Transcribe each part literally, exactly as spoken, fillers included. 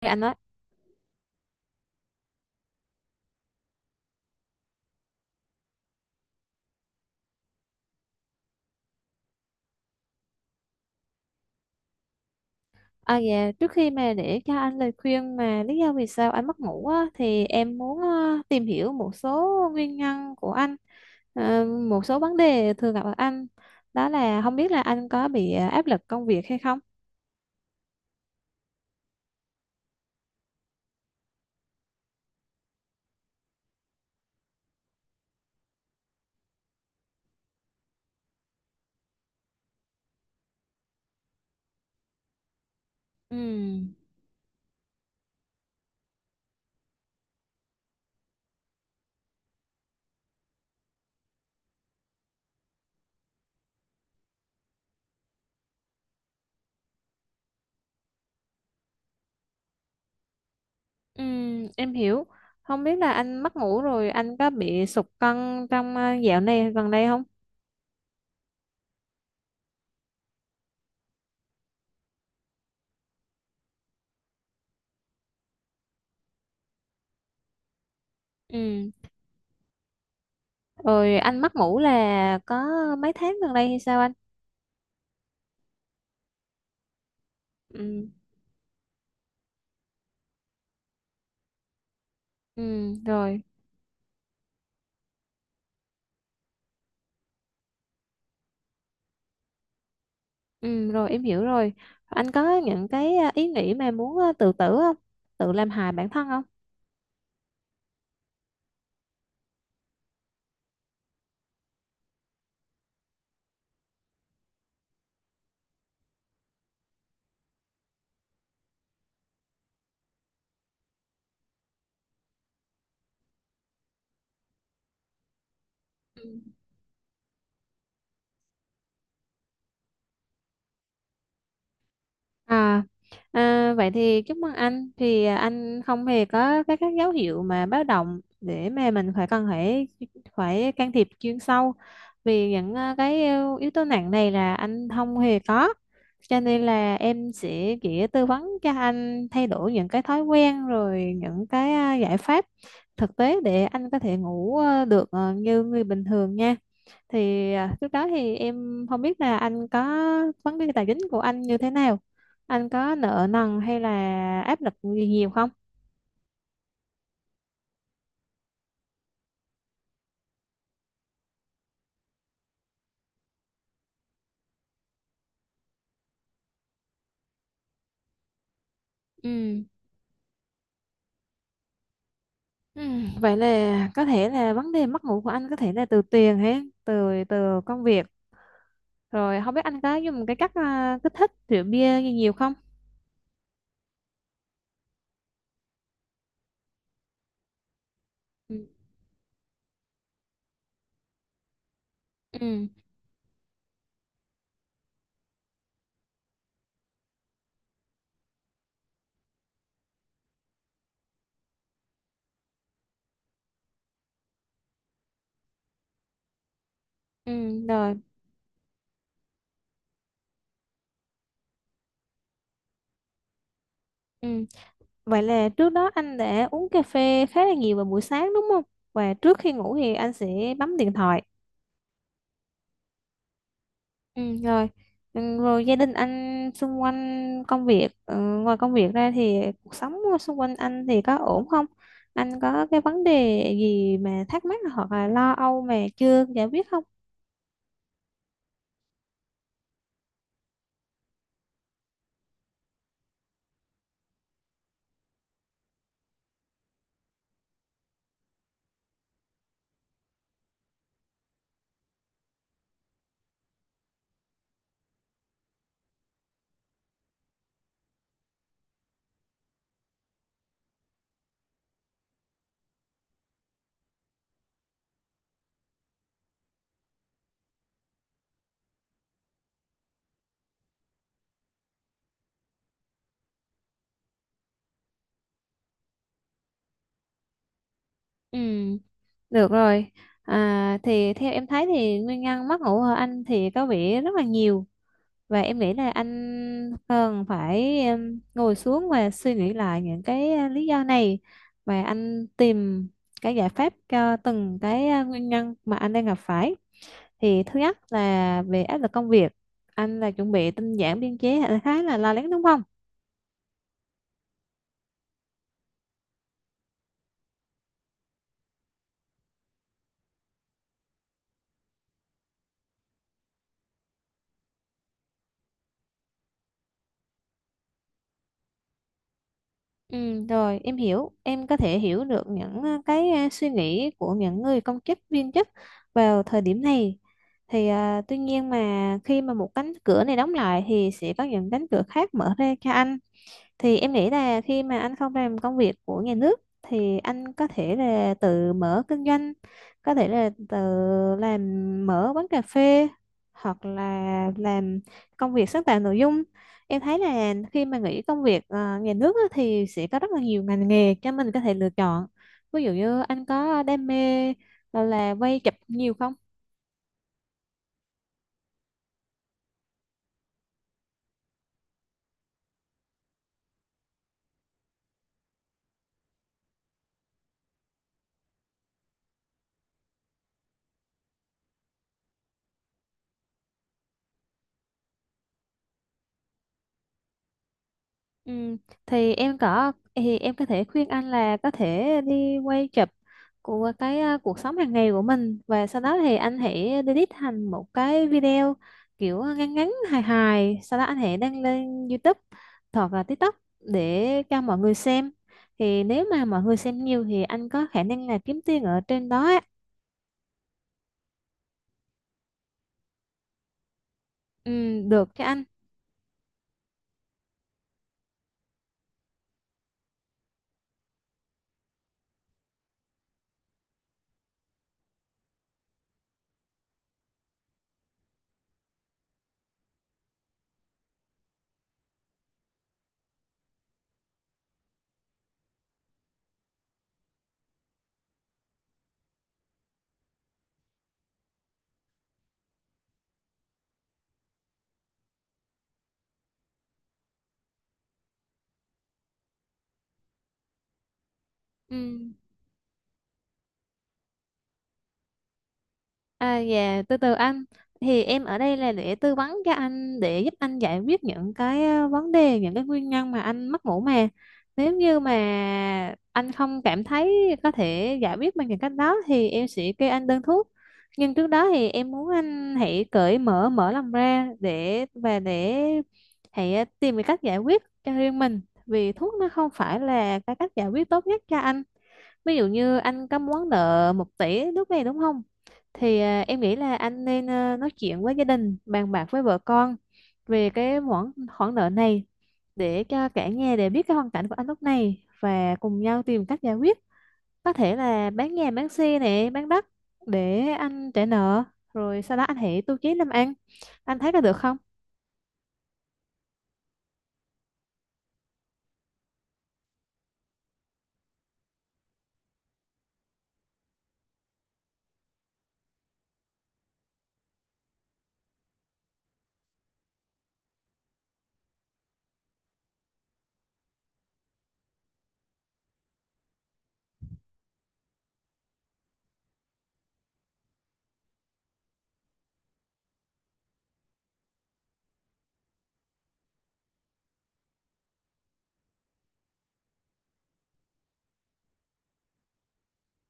Anh nói. À dạ, trước khi mà để cho anh lời khuyên mà lý do vì sao anh mất ngủ á, thì em muốn ờ, tìm hiểu một số nguyên nhân của anh, ờ, một số vấn đề thường gặp ở anh, đó là không biết là anh có bị ờ, áp lực công việc hay không. Ừ. Ừ, em hiểu. Không biết là anh mất ngủ rồi anh có bị sụt cân trong ờ, dạo này gần đây không? Ừ rồi, anh mất ngủ là có mấy tháng gần đây hay sao anh? Ừ. Ừ rồi. Ừ, rồi em hiểu rồi. Anh có những cái à, ý nghĩ mà muốn à, tự tử không? Tự làm hại bản thân không? À, à, vậy thì chúc mừng anh, thì à, anh không hề có các các dấu hiệu mà báo động để mà mình phải cần phải phải can thiệp chuyên sâu, vì những à, cái yếu yếu tố nặng này là anh không hề có, cho nên là em sẽ chỉ tư vấn cho anh thay đổi những cái thói quen rồi những cái à, giải pháp thực tế để anh có thể ngủ à, được à, như người bình thường nha. Thì à, trước đó thì em không biết là anh có vấn đề tài chính của anh như thế nào, anh có nợ nần hay là áp lực gì nhiều không? Ừ. Ừ, vậy là có thể là vấn đề mất ngủ của anh có thể là từ tiền hay từ từ công việc. Rồi không biết anh có dùng cái cách à, kích thích rượu bia gì nhiều không? Ừ. Ừ, ừ, rồi. Ừ. Vậy là trước đó anh đã uống cà phê khá là nhiều vào buổi sáng đúng không? Và trước khi ngủ thì anh sẽ bấm điện thoại. Ừ, rồi. Ừ, rồi gia đình anh xung quanh công việc, ờ, ngoài công việc ra thì cuộc sống xung quanh anh thì có ổn không, anh có cái vấn đề gì mà thắc mắc hoặc là lo âu mà chưa giải quyết không? Ừ, được rồi. À, thì theo em thấy thì nguyên nhân mất ngủ ở anh thì có vẻ rất là nhiều. Và em nghĩ là anh cần phải em, ngồi xuống và suy nghĩ lại những cái à, lý do này, và anh tìm cái giải pháp cho từng cái à, nguyên nhân mà anh đang gặp phải. Thì thứ nhất là về áp lực công việc, anh là chuẩn bị tinh giản biên chế, à, khá là lo lắng đúng không? Ừ, rồi em hiểu, em có thể hiểu được những ờ, cái ờ, suy nghĩ của những người công chức viên chức vào thời điểm này. Thì ờ, tuy nhiên mà khi mà một cánh cửa này đóng lại thì sẽ có những cánh cửa khác mở ra cho anh, thì em nghĩ là khi mà anh không làm công việc của nhà nước thì anh có thể là tự mở kinh doanh, có thể là tự làm, mở quán cà phê, hoặc là làm công việc sáng tạo nội dung. Em thấy là khi mà nghĩ công việc ờ, nhà nước á, thì sẽ có rất là nhiều ngành nghề cho mình có thể lựa chọn. Ví dụ như anh có đam mê là, là quay chụp nhiều không? Ừ, thì em có thì em có thể khuyên anh là có thể đi quay chụp của cái à, cuộc sống hàng ngày của mình, và sau đó thì anh hãy edit thành một cái video kiểu à, ngắn ngắn hài hài, sau đó anh hãy đăng lên YouTube hoặc là TikTok để cho mọi người xem. Thì nếu mà mọi người xem nhiều thì anh có khả năng là kiếm tiền ở trên đó á. Ừ, được cho anh. Ừ. À, dạ, từ từ anh. Thì em ở đây là để tư vấn cho anh, để giúp anh giải quyết những cái ờ, vấn đề, những cái nguyên nhân mà anh mất ngủ mà. Nếu như mà anh không cảm thấy có thể giải quyết bằng những cách đó thì em sẽ kê anh đơn thuốc. Nhưng trước đó thì em muốn anh hãy cởi mở, mở lòng ra để và để hãy ờ, tìm cái cách giải quyết cho riêng mình. Vì thuốc nó không phải là cái cách giải quyết tốt nhất cho anh. Ví dụ như anh có món nợ một tỷ lúc này đúng không? Thì à, em nghĩ là anh nên à, nói chuyện với gia đình, bàn bạc với vợ con về cái khoản khoản nợ này, để cho cả nhà đều biết cái hoàn cảnh của anh lúc này và cùng nhau tìm cách giải quyết. Có thể là bán nhà, bán xe này, bán đất để anh trả nợ, rồi sau đó anh hãy tu chí làm ăn. Anh thấy có được không?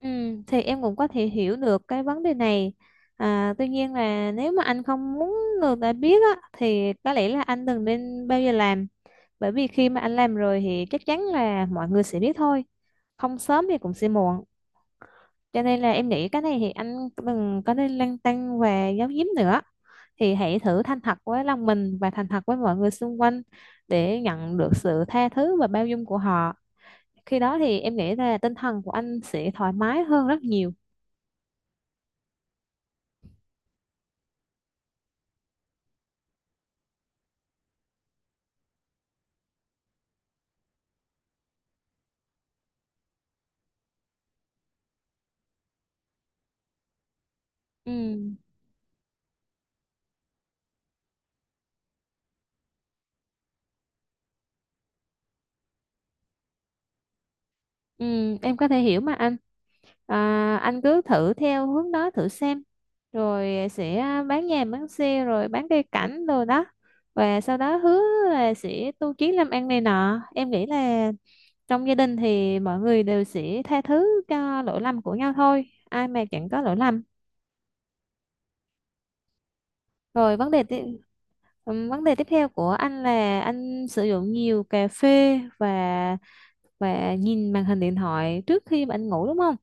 Ừ, thì em cũng có thể hiểu được cái vấn đề này. À, tuy nhiên là nếu mà anh không muốn người ta biết á, thì có lẽ là anh đừng nên bao giờ làm, bởi vì khi mà anh làm rồi thì chắc chắn là mọi người sẽ biết thôi, không sớm thì cũng sẽ muộn. Cho nên là em nghĩ cái này thì anh đừng có nên lăn tăn và giấu giếm nữa, thì hãy thử thành thật với lòng mình và thành thật với mọi người xung quanh, để nhận được sự tha thứ và bao dung của họ. Khi đó thì em nghĩ là tinh thần của anh sẽ thoải mái hơn rất nhiều. Ừ. Ừ, em có thể hiểu mà anh. À, anh cứ thử theo hướng đó thử xem. Rồi sẽ bán nhà bán xe rồi bán cây cảnh rồi đó. Và sau đó hứa là sẽ tu chí làm ăn này nọ. Em nghĩ là trong gia đình thì mọi người đều sẽ tha thứ cho lỗi lầm của nhau thôi. Ai mà chẳng có lỗi lầm. Rồi vấn đề tiếp. Ừ, vấn đề tiếp theo của anh là anh sử dụng nhiều cà phê và và nhìn màn hình điện thoại trước khi mà anh ngủ đúng không?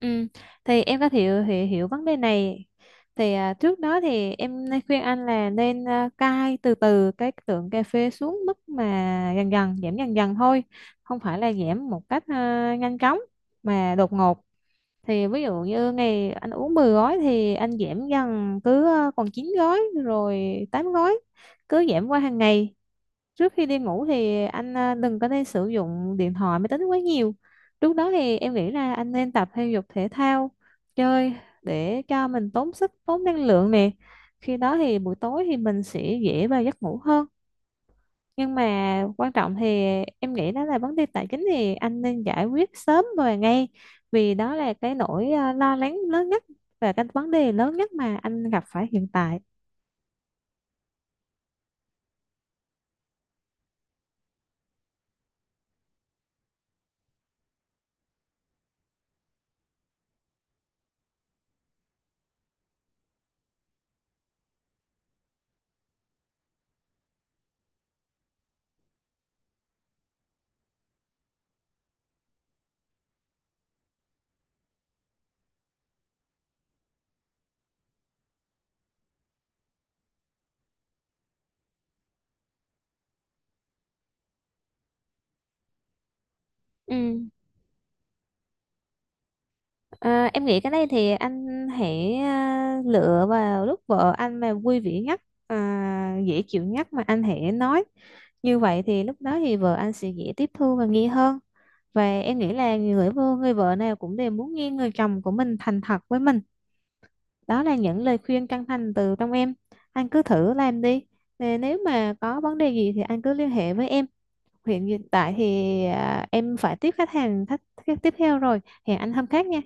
Ừ. Thì em có thể hiểu, hiểu, hiểu vấn đề này. Thì à, trước đó thì em nên khuyên anh là nên à, cai từ từ cái lượng cà phê xuống mức mà dần dần, giảm dần dần thôi, không phải là giảm một cách à, nhanh chóng mà đột ngột. Thì ví dụ như ngày anh uống mười gói thì anh giảm dần cứ à, còn chín gói, rồi tám gói, cứ giảm qua hàng ngày. Trước khi đi ngủ thì anh à, đừng có nên sử dụng điện thoại máy tính quá nhiều. Lúc đó thì em nghĩ là anh nên tập thể dục thể thao, chơi để cho mình tốn sức tốn năng lượng nè, khi đó thì buổi tối thì mình sẽ dễ vào giấc ngủ hơn. Nhưng mà quan trọng thì em nghĩ đó là vấn đề tài chính thì anh nên giải quyết sớm và ngay, vì đó là cái nỗi à, lo lắng lớn nhất và cái vấn đề lớn nhất mà anh gặp phải hiện tại. Ừ. À, em nghĩ cái này thì anh hãy à, lựa vào lúc vợ anh mà vui vẻ nhất, à, dễ chịu nhất mà anh hãy nói. Như vậy thì lúc đó thì vợ anh sẽ dễ tiếp thu và nghe hơn. Và em nghĩ là người vợ, người vợ nào cũng đều muốn nghe người chồng của mình thành thật với mình. Đó là những lời khuyên chân thành từ trong em. Anh cứ thử làm đi. Nè, nếu mà có vấn đề gì thì anh cứ liên hệ với em. Hiện tại thì à, em phải tiếp khách hàng khách, tiếp theo rồi. Hẹn anh hôm khác nha.